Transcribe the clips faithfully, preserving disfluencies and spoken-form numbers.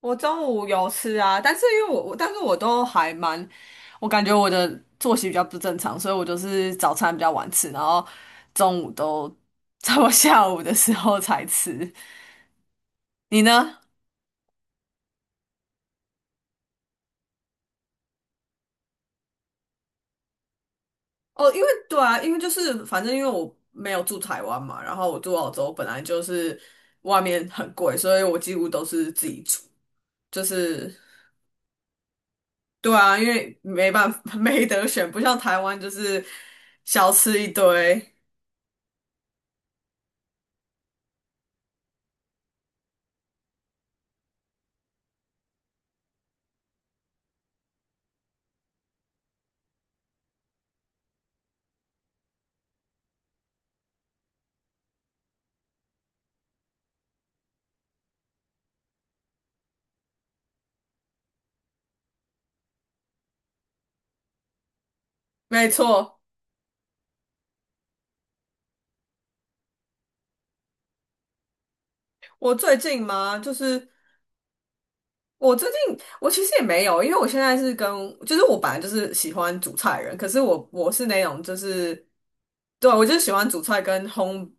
我中午有吃啊，但是因为我我，但是我都还蛮，我感觉我的作息比较不正常，所以我就是早餐比较晚吃，然后中午都 在我下午的时候才吃。你呢？哦，因为对啊，因为就是反正因为我没有住台湾嘛，然后我住澳洲，本来就是外面很贵，所以我几乎都是自己煮。就是对啊，因为没办法，没得选，不像台湾就是小吃一堆。没错，我最近吗？就是我最近，我其实也没有，因为我现在是跟，就是我本来就是喜欢煮菜的人，可是我我是那种就是，对，我就是喜欢煮菜跟烘，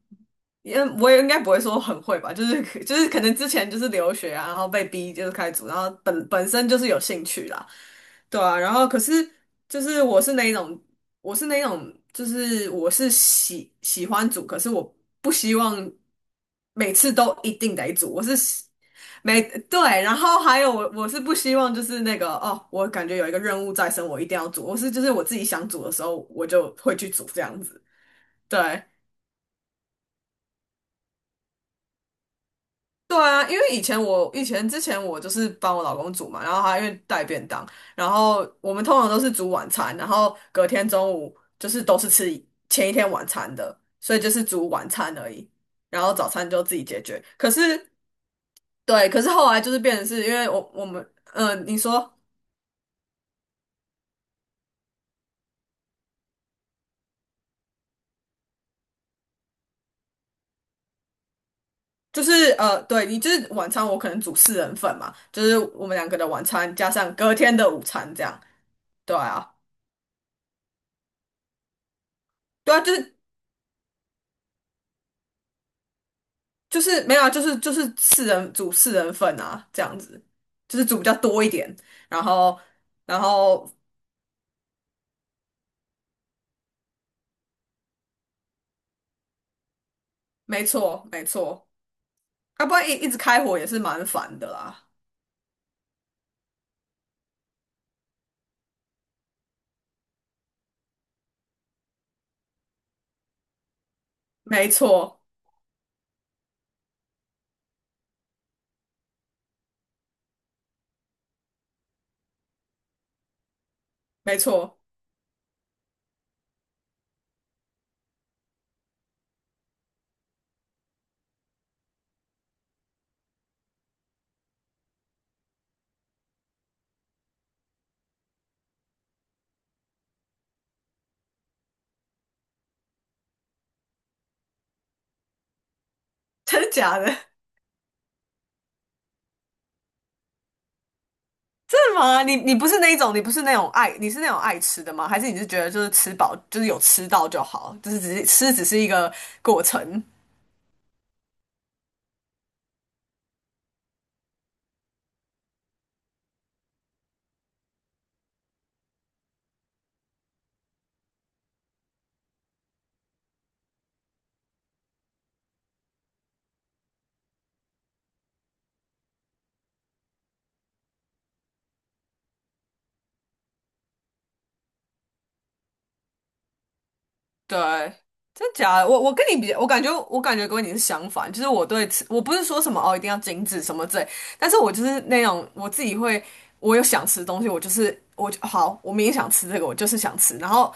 因我也应该不会说很会吧，就是就是可能之前就是留学啊，然后被逼就是开始煮，然后本本身就是有兴趣啦，对啊，然后可是就是我是那一种我是那一种就是我是喜喜欢煮，可是我不希望每次都一定得煮，我是。没，对，然后还有我我是不希望就是那个哦，我感觉有一个任务在身，我一定要煮。我是就是我自己想煮的时候，我就会去煮这样子。对，对啊，因为以前我以前之前我就是帮我老公煮嘛，然后他因为带便当，然后我们通常都是煮晚餐，然后隔天中午就是都是吃前一天晚餐的，所以就是煮晚餐而已，然后早餐就自己解决。可是对，可是后来就是变成是因为我我们嗯、呃你说。就是呃，对你就是晚餐，我可能煮四人份嘛，就是我们两个的晚餐加上隔天的午餐这样。对啊，对啊，就是就是没有啊，就是就是四人煮四人份啊，这样子，就是煮比较多一点，然后然后没错没错，要不然一一直开火也是蛮烦的啦。没错没错，真的假的？真的吗？你你不是那一种，你不是那种爱，你是那种爱吃的吗？还是你是觉得就是吃饱，就是有吃到就好，就是只是吃只是一个过程？对，真假的我我跟你比较我感觉我感觉跟你是相反，就是我对吃，我不是说什么哦，一定要精致什么之类，但是我就是那种我自己会，我有想吃的东西，我就是我就好，我明天想吃这个，我就是想吃，然后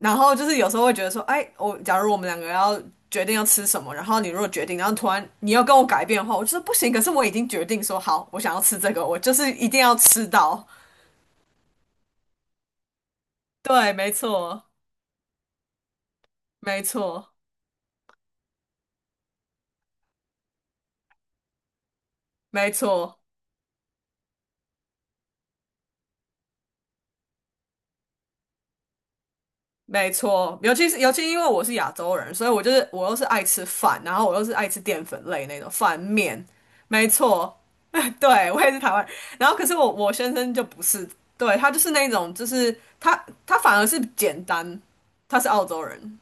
然后就是有时候会觉得说，哎，我假如我们两个要决定要吃什么，然后你如果决定，然后突然你要跟我改变的话，我就是不行，可是我已经决定说好，我想要吃这个，我就是一定要吃到。对，没错，没错，没错。没错，尤其是尤其因为我是亚洲人，所以我就是我又是爱吃饭，然后我又是爱吃淀粉类那种饭面，没错，对，我也是台湾人。然后可是我我先生就不是，对，他就是那种就是他他反而是简单，他是澳洲人，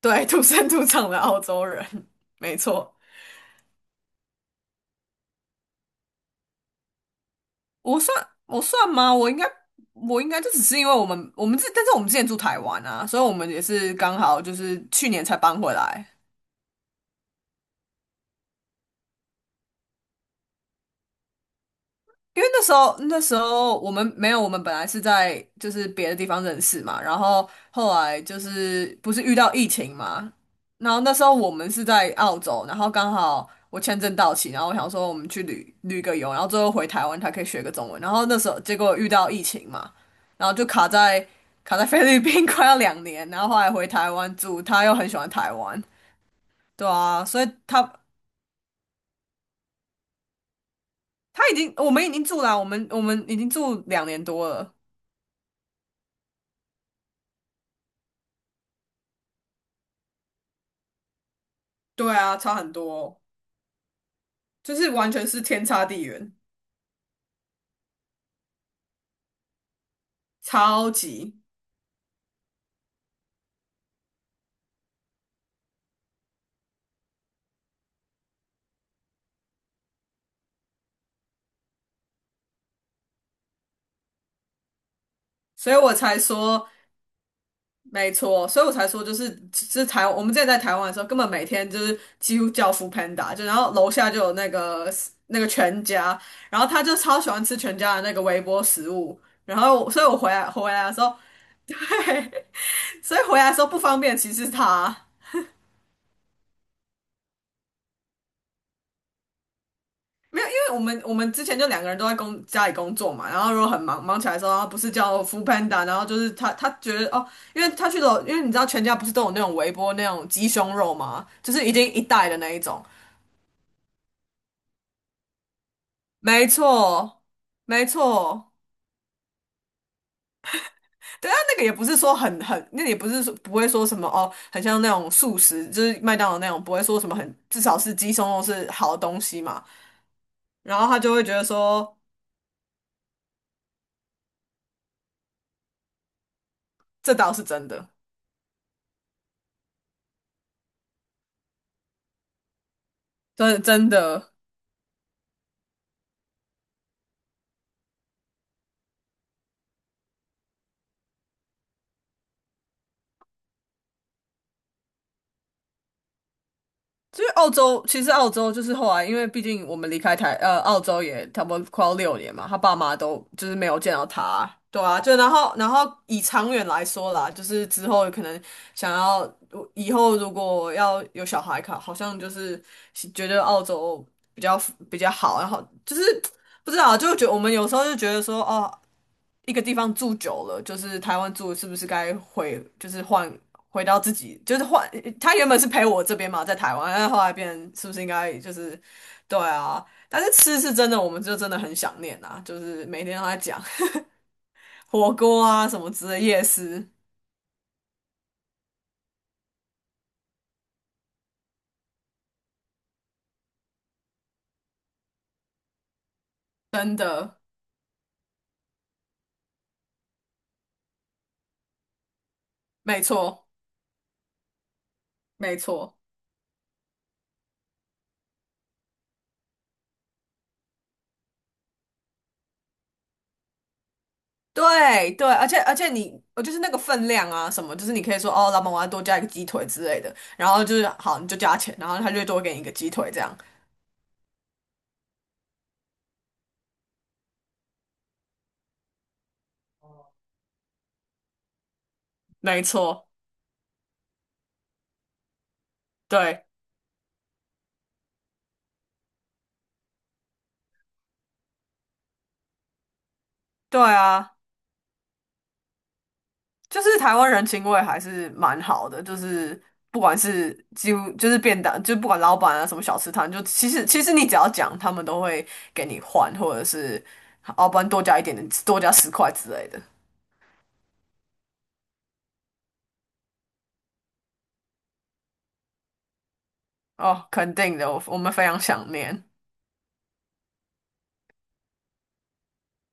对，土生土长的澳洲人，没错。我算我算吗？我应该我应该就只是因为我们我们这，但是我们之前住台湾啊，所以我们也是刚好就是去年才搬回来。因为那时候那时候我们没有，我们本来是在就是别的地方认识嘛，然后后来就是不是遇到疫情嘛，然后那时候我们是在澳洲，然后刚好我签证到期，然后我想说我们去旅旅个游，然后最后回台湾才可以学个中文，然后那时候结果遇到疫情嘛，然后就卡在卡在菲律宾 快要两年，然后后来回台湾住，他又很喜欢台湾，对啊，所以他他已经我们已经住了啊我们我们已经住两年多了。对啊，差很多哦就是完全是天差地远，超级，所以我才说，没错，所以我才说，就是是台，我们之前在台湾的时候，根本每天就是几乎叫 f o o p a n d a 就然后楼下就有那个那个全家，然后他就超喜欢吃全家的那个微波食物，然后我所以我回来回来的时候，所以回来的时候不方便，其实是他。没有，因为我们我们之前就两个人都在工家里工作嘛，然后如果很忙忙起来的时候，他不是叫 f o o p a n d a 然后就是他他觉得哦，因为他去了，因为你知道全家不是都有那种微波那种鸡胸肉吗？就是已经一袋的那一种，没错，没错。对啊，那个也不是说很很，那个也不是说不会说什么哦，很像那种素食，就是麦当劳那种，不会说什么很，至少是鸡胸肉是好东西嘛。然后他就会觉得说，这倒是真的，真的真的。所以澳洲其实澳洲就是后来，因为毕竟我们离开台呃澳洲也差不多快要六年嘛，他爸妈都就是没有见到他啊，对啊，就然后然后以长远来说啦，就是之后可能想要以后如果要有小孩考，好像就是觉得澳洲比较比较好，然后就是不知道啊，就觉得我们有时候就觉得说哦，一个地方住久了，就是台湾住是不是该回，就是换回到自己，就是换他原本是陪我这边嘛，在台湾，但后来变成是不是应该就是对啊？但是吃是真的，我们就真的很想念啊，就是每天都在讲 火锅啊什么之类，夜市真的没错没错。对对，而且而且你，我就是那个分量啊，什么，就是你可以说哦，老板我要多加一个鸡腿之类的，然后就是好，你就加钱，然后他就多给你一个鸡腿这样，没错，对。对啊，就是台湾人情味还是蛮好的，就是不管是几乎就是便当，就不管老板啊什么小吃摊，就其实其实你只要讲，他们都会给你换，或者是哦，不然多加一点点，多加十块之类的。哦，肯定的，我我们非常想念。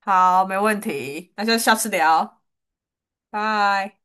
好，没问题，那就下次聊，拜。